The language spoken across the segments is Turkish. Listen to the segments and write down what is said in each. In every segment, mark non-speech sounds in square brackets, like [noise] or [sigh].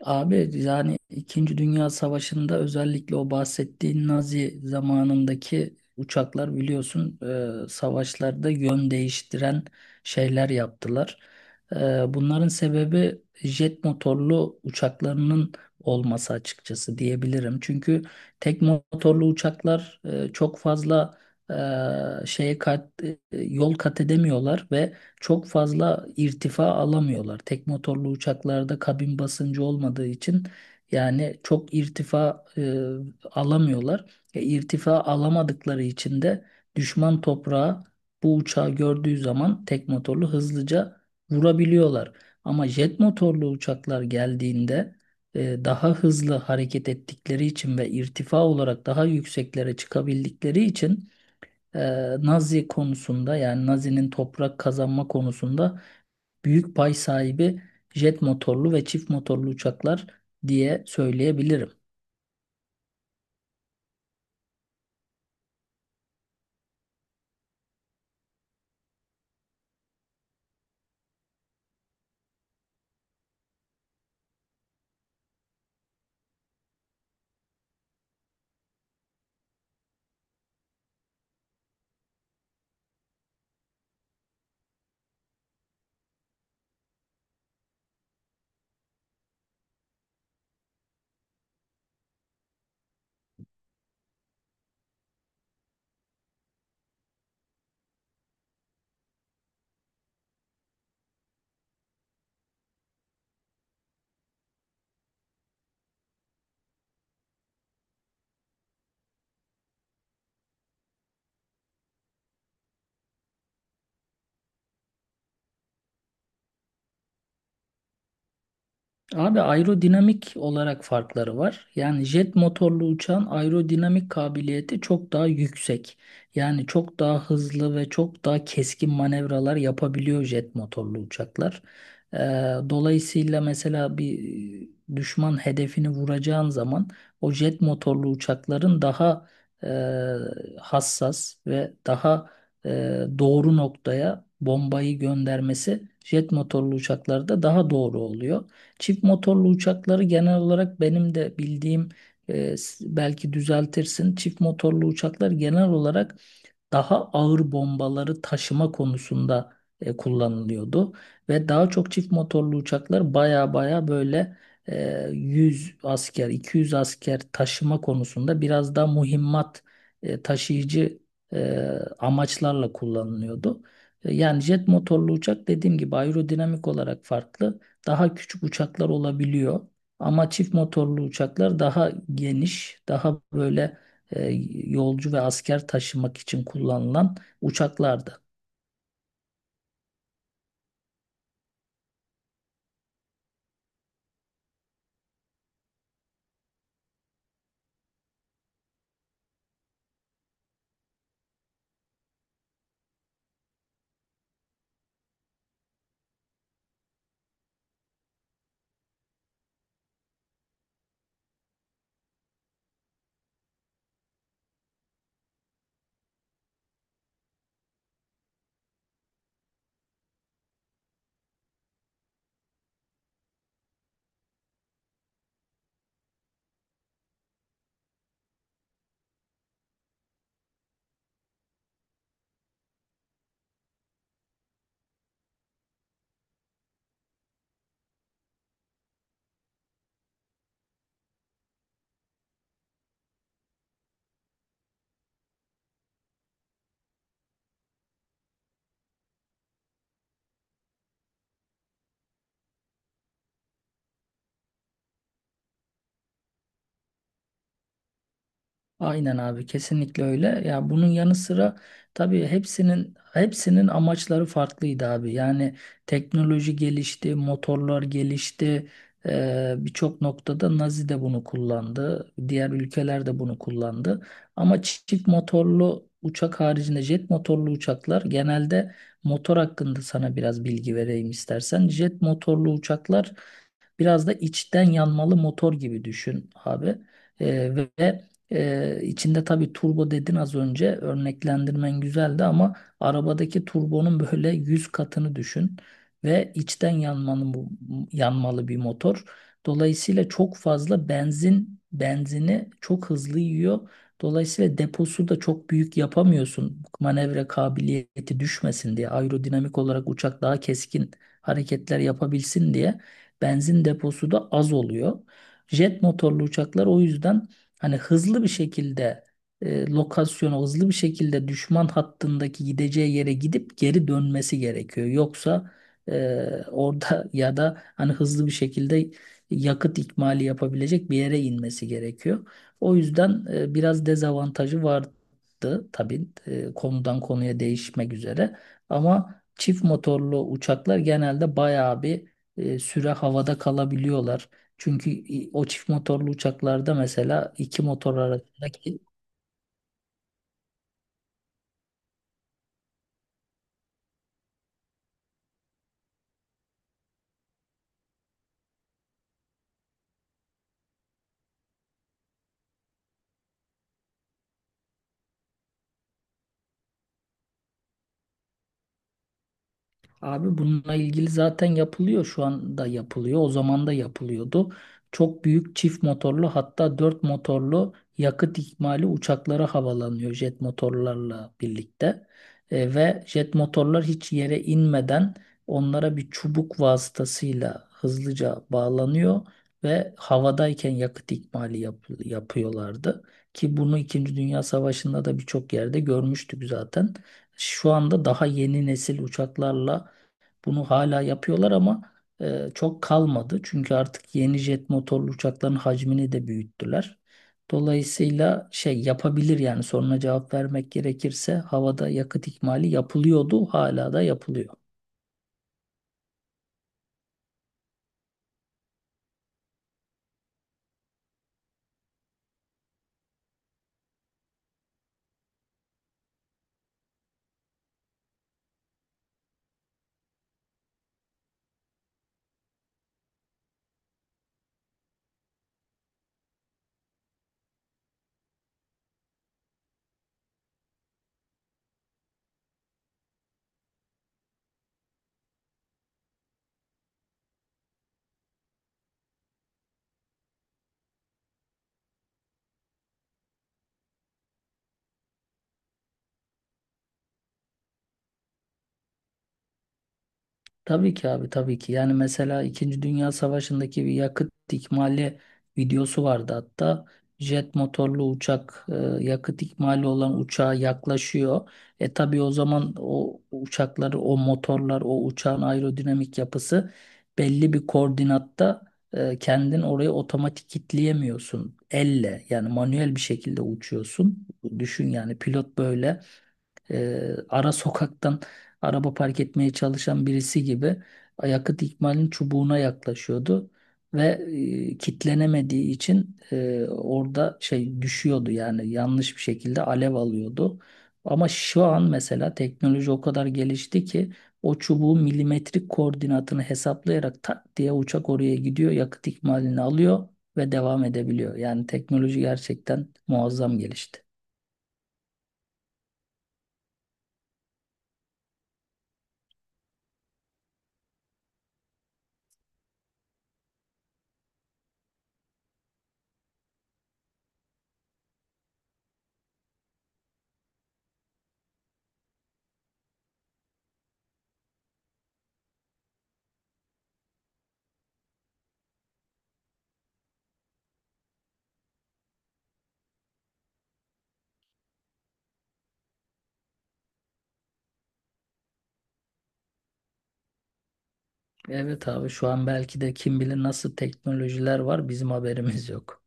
Abi yani İkinci Dünya Savaşı'nda özellikle o bahsettiğin Nazi zamanındaki uçaklar biliyorsun, savaşlarda yön değiştiren şeyler yaptılar. E, Bunların sebebi jet motorlu uçaklarının olması açıkçası diyebilirim. Çünkü tek motorlu uçaklar çok fazla yol kat edemiyorlar ve çok fazla irtifa alamıyorlar. Tek motorlu uçaklarda kabin basıncı olmadığı için yani çok irtifa alamıyorlar. İrtifa alamadıkları için de düşman toprağı bu uçağı gördüğü zaman tek motorlu hızlıca vurabiliyorlar. Ama jet motorlu uçaklar geldiğinde daha hızlı hareket ettikleri için ve irtifa olarak daha yükseklere çıkabildikleri için e, Nazi konusunda yani Nazi'nin toprak kazanma konusunda büyük pay sahibi jet motorlu ve çift motorlu uçaklar diye söyleyebilirim. Abi aerodinamik olarak farkları var. Yani jet motorlu uçağın aerodinamik kabiliyeti çok daha yüksek. Yani çok daha hızlı ve çok daha keskin manevralar yapabiliyor jet motorlu uçaklar. Ee, Dolayısıyla mesela bir düşman hedefini vuracağın zaman o jet motorlu uçakların daha hassas ve daha e, doğru noktaya bombayı göndermesi jet motorlu uçaklarda daha doğru oluyor. Çift motorlu uçakları genel olarak benim de bildiğim belki düzeltirsin. Çift motorlu uçaklar genel olarak daha ağır bombaları taşıma konusunda kullanılıyordu. Ve daha çok çift motorlu uçaklar baya baya böyle, 100 asker, 200 asker taşıma konusunda biraz daha mühimmat taşıyıcı e, amaçlarla kullanılıyordu. Yani jet motorlu uçak dediğim gibi aerodinamik olarak farklı. Daha küçük uçaklar olabiliyor. Ama çift motorlu uçaklar daha geniş, daha böyle yolcu ve asker taşımak için kullanılan uçaklardı. Aynen abi, kesinlikle öyle. Ya bunun yanı sıra tabii hepsinin amaçları farklıydı abi. Yani teknoloji gelişti, motorlar gelişti. Birçok noktada Nazi de bunu kullandı. Diğer ülkeler de bunu kullandı. Ama çift motorlu uçak haricinde jet motorlu uçaklar genelde motor hakkında sana biraz bilgi vereyim istersen. Jet motorlu uçaklar biraz da içten yanmalı motor gibi düşün abi. İçinde tabii turbo dedin az önce, örneklendirmen güzeldi ama arabadaki turbonun böyle 100 katını düşün ve içten yanmanın bu yanmalı bir motor. Dolayısıyla çok fazla benzini çok hızlı yiyor. Dolayısıyla deposu da çok büyük yapamıyorsun. Manevra kabiliyeti düşmesin diye, aerodinamik olarak uçak daha keskin hareketler yapabilsin diye benzin deposu da az oluyor. Jet motorlu uçaklar o yüzden hani hızlı bir şekilde, lokasyona hızlı bir şekilde düşman hattındaki gideceği yere gidip geri dönmesi gerekiyor. Yoksa [laughs] orada ya da hani hızlı bir şekilde yakıt ikmali yapabilecek bir yere inmesi gerekiyor. O yüzden biraz dezavantajı vardı tabii, konudan konuya değişmek üzere. Ama çift motorlu uçaklar genelde bayağı bir süre havada kalabiliyorlar. Çünkü o çift motorlu uçaklarda mesela iki motor arasında... Abi bununla ilgili zaten yapılıyor, şu anda yapılıyor. O zaman da yapılıyordu. Çok büyük çift motorlu hatta dört motorlu yakıt ikmali uçaklara havalanıyor jet motorlarla birlikte. Ve jet motorlar hiç yere inmeden onlara bir çubuk vasıtasıyla hızlıca bağlanıyor ve havadayken yakıt ikmali yapıyorlardı. Ki bunu İkinci Dünya Savaşı'nda da birçok yerde görmüştük zaten. Şu anda daha yeni nesil uçaklarla bunu hala yapıyorlar ama çok kalmadı. Çünkü artık yeni jet motorlu uçakların hacmini de büyüttüler. Dolayısıyla şey yapabilir, yani soruna cevap vermek gerekirse havada yakıt ikmali yapılıyordu, hala da yapılıyor. Tabii ki abi, tabii ki. Yani mesela İkinci Dünya Savaşı'ndaki bir yakıt ikmali videosu vardı hatta. Jet motorlu uçak yakıt ikmali olan uçağa yaklaşıyor. E tabii o zaman o uçakları, o motorlar, o uçağın aerodinamik yapısı belli bir koordinatta kendin orayı otomatik kilitleyemiyorsun. Elle yani manuel bir şekilde uçuyorsun. Düşün yani pilot böyle ara sokaktan araba park etmeye çalışan birisi gibi yakıt ikmalinin çubuğuna yaklaşıyordu ve kitlenemediği için orada şey düşüyordu, yani yanlış bir şekilde alev alıyordu. Ama şu an mesela teknoloji o kadar gelişti ki o çubuğun milimetrik koordinatını hesaplayarak tak diye uçak oraya gidiyor, yakıt ikmalini alıyor ve devam edebiliyor. Yani teknoloji gerçekten muazzam gelişti. Evet abi, şu an belki de kim bilir nasıl teknolojiler var, bizim haberimiz yok.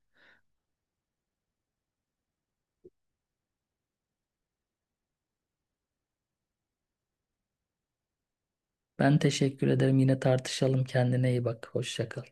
Ben teşekkür ederim, yine tartışalım, kendine iyi bak, hoşça kal.